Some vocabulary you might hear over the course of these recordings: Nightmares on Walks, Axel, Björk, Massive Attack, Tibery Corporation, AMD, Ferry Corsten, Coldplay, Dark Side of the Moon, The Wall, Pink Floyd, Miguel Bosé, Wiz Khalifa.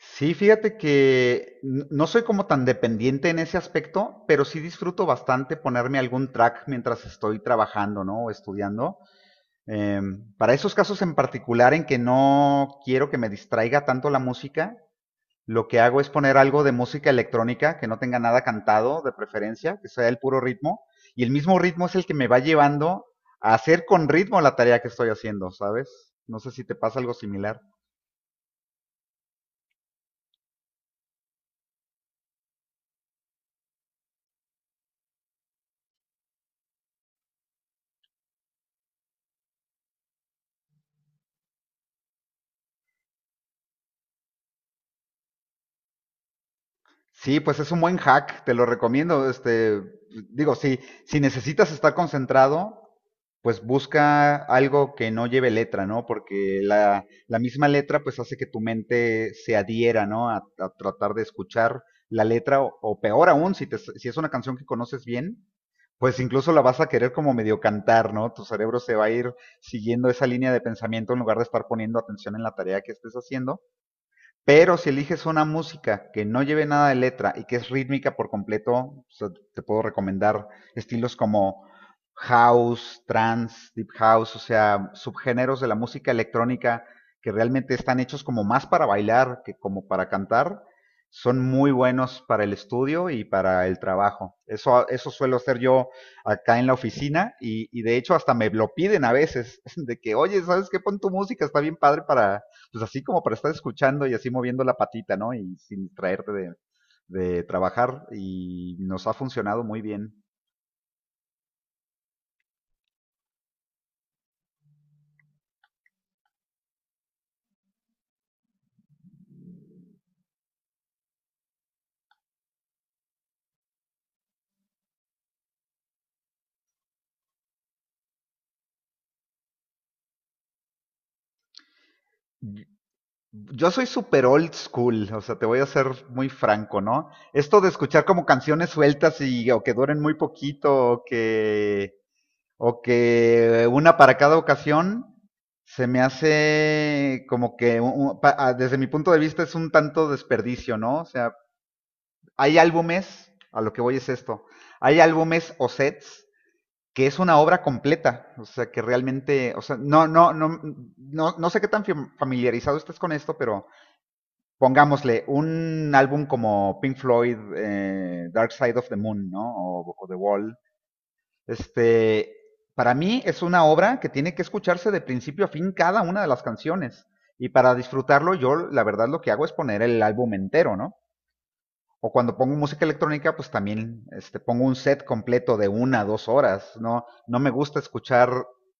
Sí, fíjate que no soy como tan dependiente en ese aspecto, pero sí disfruto bastante ponerme algún track mientras estoy trabajando, ¿no? O estudiando. Para esos casos en particular en que no quiero que me distraiga tanto la música, lo que hago es poner algo de música electrónica que no tenga nada cantado, de preferencia, que sea el puro ritmo. Y el mismo ritmo es el que me va llevando a hacer con ritmo la tarea que estoy haciendo, ¿sabes? No sé si te pasa algo similar. Sí, pues es un buen hack, te lo recomiendo. Digo, si necesitas estar concentrado, pues busca algo que no lleve letra, ¿no? Porque la misma letra pues hace que tu mente se adhiera, ¿no? A tratar de escuchar la letra o peor aún, si, si es una canción que conoces bien, pues incluso la vas a querer como medio cantar, ¿no? Tu cerebro se va a ir siguiendo esa línea de pensamiento en lugar de estar poniendo atención en la tarea que estés haciendo, pero si eliges una música que no lleve nada de letra y que es rítmica por completo, o sea, te puedo recomendar estilos como house, trance, deep house, o sea, subgéneros de la música electrónica que realmente están hechos como más para bailar que como para cantar, son muy buenos para el estudio y para el trabajo. Eso suelo hacer yo acá en la oficina y de hecho hasta me lo piden a veces, de que, oye, ¿sabes qué? Pon tu música, está bien padre para, pues así como para estar escuchando y así moviendo la patita, ¿no? Y sin traerte de trabajar y nos ha funcionado muy bien. Yo soy super old school, o sea, te voy a ser muy franco, ¿no? Esto de escuchar como canciones sueltas y o que duren muy poquito o que una para cada ocasión se me hace como que desde mi punto de vista es un tanto desperdicio, ¿no? O sea, hay álbumes, a lo que voy es esto, hay álbumes o sets que es una obra completa, o sea, que realmente, o sea, no, no, no, no sé qué tan familiarizado estés con esto, pero pongámosle un álbum como Pink Floyd, Dark Side of the Moon, ¿no? O The Wall. Este, para mí es una obra que tiene que escucharse de principio a fin cada una de las canciones. Y para disfrutarlo, yo la verdad lo que hago es poner el álbum entero, ¿no? O cuando pongo música electrónica, pues también este, pongo un set completo de 1, 2 horas. No, no me gusta escuchar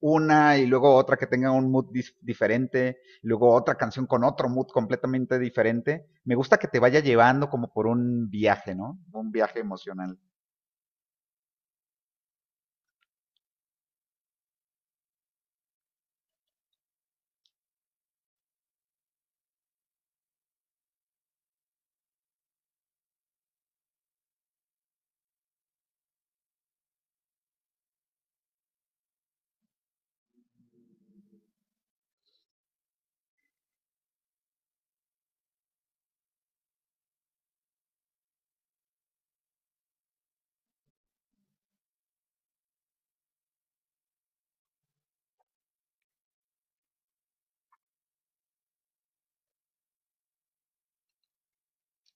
una y luego otra que tenga un mood diferente, y luego otra canción con otro mood completamente diferente. Me gusta que te vaya llevando como por un viaje, ¿no? Un viaje emocional.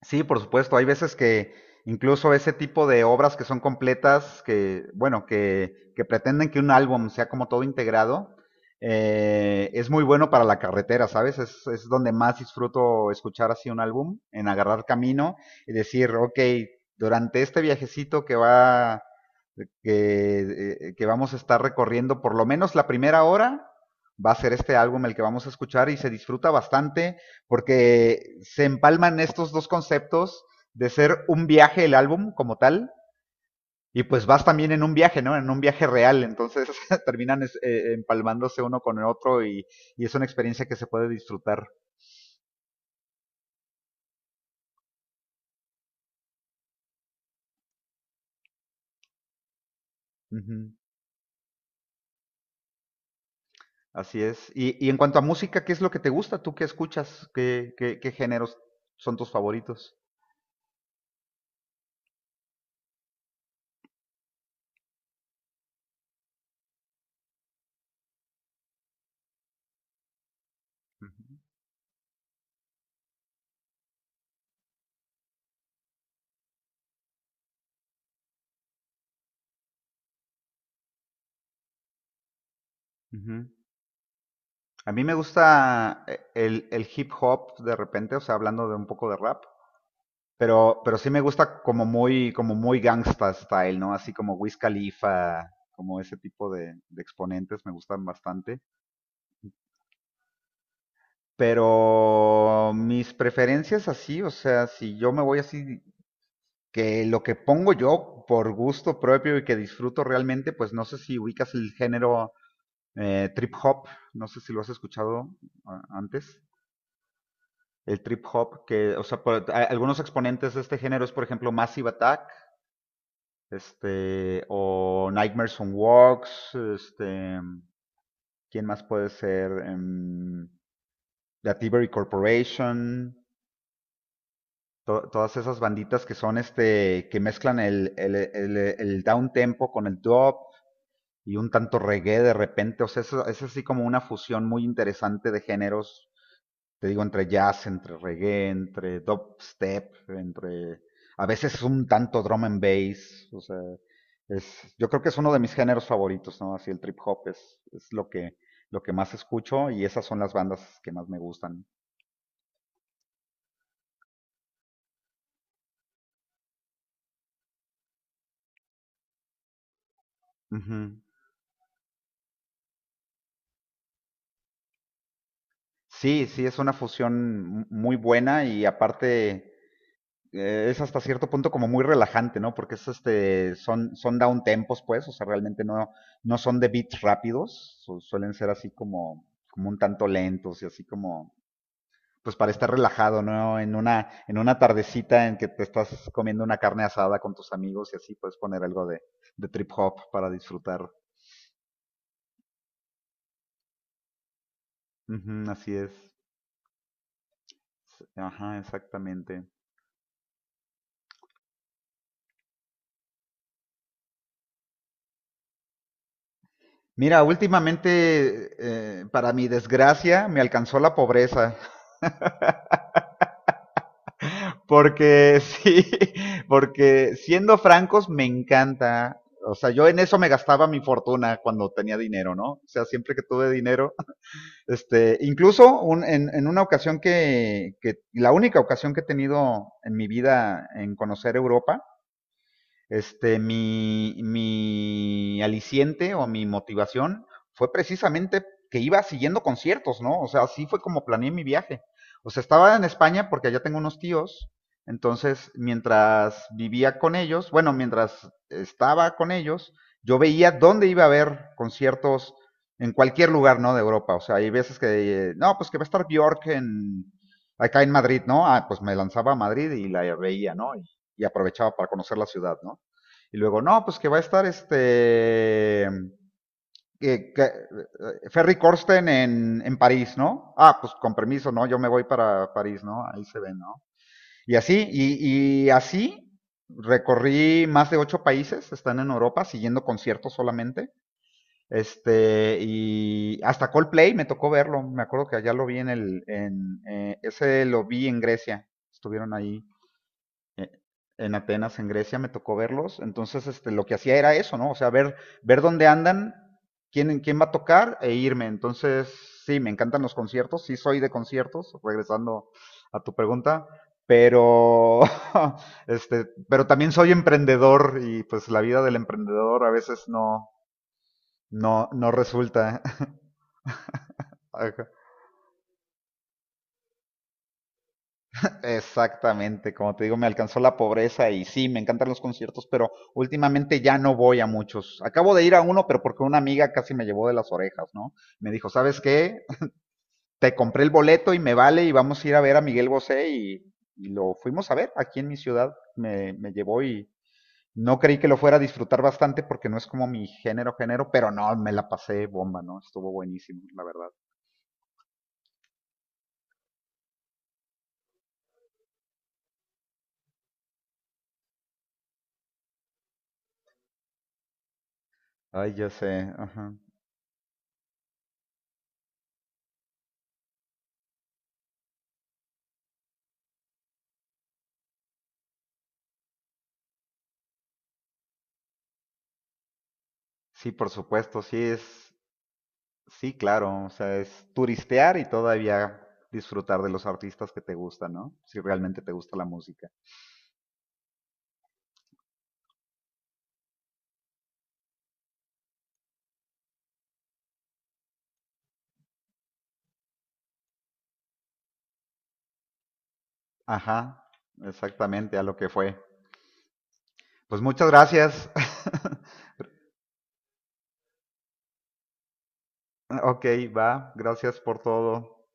Sí, por supuesto. Hay veces que incluso ese tipo de obras que son completas, que, bueno, que pretenden que un álbum sea como todo integrado, es muy bueno para la carretera, ¿sabes? Es donde más disfruto escuchar así un álbum, en agarrar camino y decir, ok, durante este viajecito que va, que, que vamos a estar recorriendo, por lo menos la primera hora, va a ser este álbum el que vamos a escuchar y se disfruta bastante porque se empalman estos dos conceptos de ser un viaje el álbum como tal, y pues vas también en un viaje, ¿no? En un viaje real, entonces terminan es, empalmándose uno con el otro y, es una experiencia que se puede disfrutar. Uh -huh. Así es. Y, en cuanto a música, ¿qué es lo que te gusta? ¿Tú qué escuchas? ¿Qué, qué, qué géneros son tus favoritos? Uh -huh. A mí me gusta el hip hop de repente, o sea, hablando de un poco de rap. Pero sí me gusta como muy gangsta style, ¿no? Así como Wiz Khalifa, como ese tipo de exponentes me gustan bastante. Pero mis preferencias así, o sea, si yo me voy así, que lo que pongo yo por gusto propio y que disfruto realmente, pues no sé si ubicas el género trip hop, no sé si lo has escuchado antes. El trip hop, que, o sea, algunos exponentes de este género es, por ejemplo, Massive Attack. O Nightmares on Walks, este, ¿quién más puede ser? La Tibery Corporation, todas esas banditas que son este, que mezclan el down tempo con el drop y un tanto reggae de repente, o sea, es así como una fusión muy interesante de géneros, te digo, entre jazz, entre reggae, entre dubstep, entre... A veces es un tanto drum and bass, o sea, es, yo creo que es uno de mis géneros favoritos, ¿no? Así el trip hop es, lo que más escucho y esas son las bandas que más me gustan. Ujú. Sí, sí, es una fusión muy buena y aparte es hasta cierto punto como muy relajante, ¿no? Porque es este, son, son down tempos, pues, o sea, realmente no, no son de beats rápidos, suelen ser así como, como un tanto lentos y así como, pues para estar relajado, ¿no? En una tardecita en que te estás comiendo una carne asada con tus amigos y así puedes poner algo de trip hop para disfrutar. Ujú, así es. Ajá, exactamente. Mira, últimamente, para mi desgracia, me alcanzó la pobreza. Porque sí, porque siendo francos me encanta. O sea, yo en eso me gastaba mi fortuna cuando tenía dinero, ¿no? O sea, siempre que tuve dinero. Incluso en una ocasión que, la única ocasión que he tenido en mi vida en conocer Europa, este, mi aliciente o mi motivación fue precisamente que iba siguiendo conciertos, ¿no? O sea, así fue como planeé mi viaje. O sea, estaba en España porque allá tengo unos tíos, entonces mientras vivía con ellos, bueno, mientras estaba con ellos, yo veía dónde iba a haber conciertos en cualquier lugar, ¿no? De Europa. O sea, hay veces que, no, pues que va a estar Björk en, acá en Madrid, ¿no? Ah, pues me lanzaba a Madrid y la veía, ¿no? Y aprovechaba para conocer la ciudad, ¿no? Y luego, no, pues que va a estar este... Ferry Corsten en París, ¿no? Ah, pues con permiso, ¿no? Yo me voy para París, ¿no? Ahí se ve, ¿no? Y así, y así recorrí más de 8 países, están en Europa, siguiendo conciertos solamente. Este, y hasta Coldplay me tocó verlo, me acuerdo que allá lo vi en el, en, ese lo vi en Grecia, estuvieron ahí eh, en Atenas, en Grecia, me tocó verlos. Entonces, este, lo que hacía era eso, ¿no? O sea, ver, ver dónde andan, quién, quién va a tocar e irme. Entonces, sí, me encantan los conciertos, sí soy de conciertos, regresando a tu pregunta, pero, este, pero también soy emprendedor y pues la vida del emprendedor a veces no, no, no resulta. Exactamente, como te digo, me alcanzó la pobreza y sí, me encantan los conciertos, pero últimamente ya no voy a muchos. Acabo de ir a uno, pero porque una amiga casi me llevó de las orejas, ¿no? Me dijo, ¿sabes qué? Te compré el boleto y me vale y vamos a ir a ver a Miguel Bosé y lo fuimos a ver aquí en mi ciudad. Me llevó y no creí que lo fuera a disfrutar bastante porque no es como mi género, género, pero no, me la pasé bomba, ¿no? Estuvo buenísimo, la verdad. Ay, ya sé, ajá. Sí, por supuesto, sí es. Sí, claro, o sea, es turistear y todavía disfrutar de los artistas que te gustan, ¿no? Si realmente te gusta la música. Ajá, exactamente, a lo que fue. Pues muchas gracias. Ok, va, gracias por todo.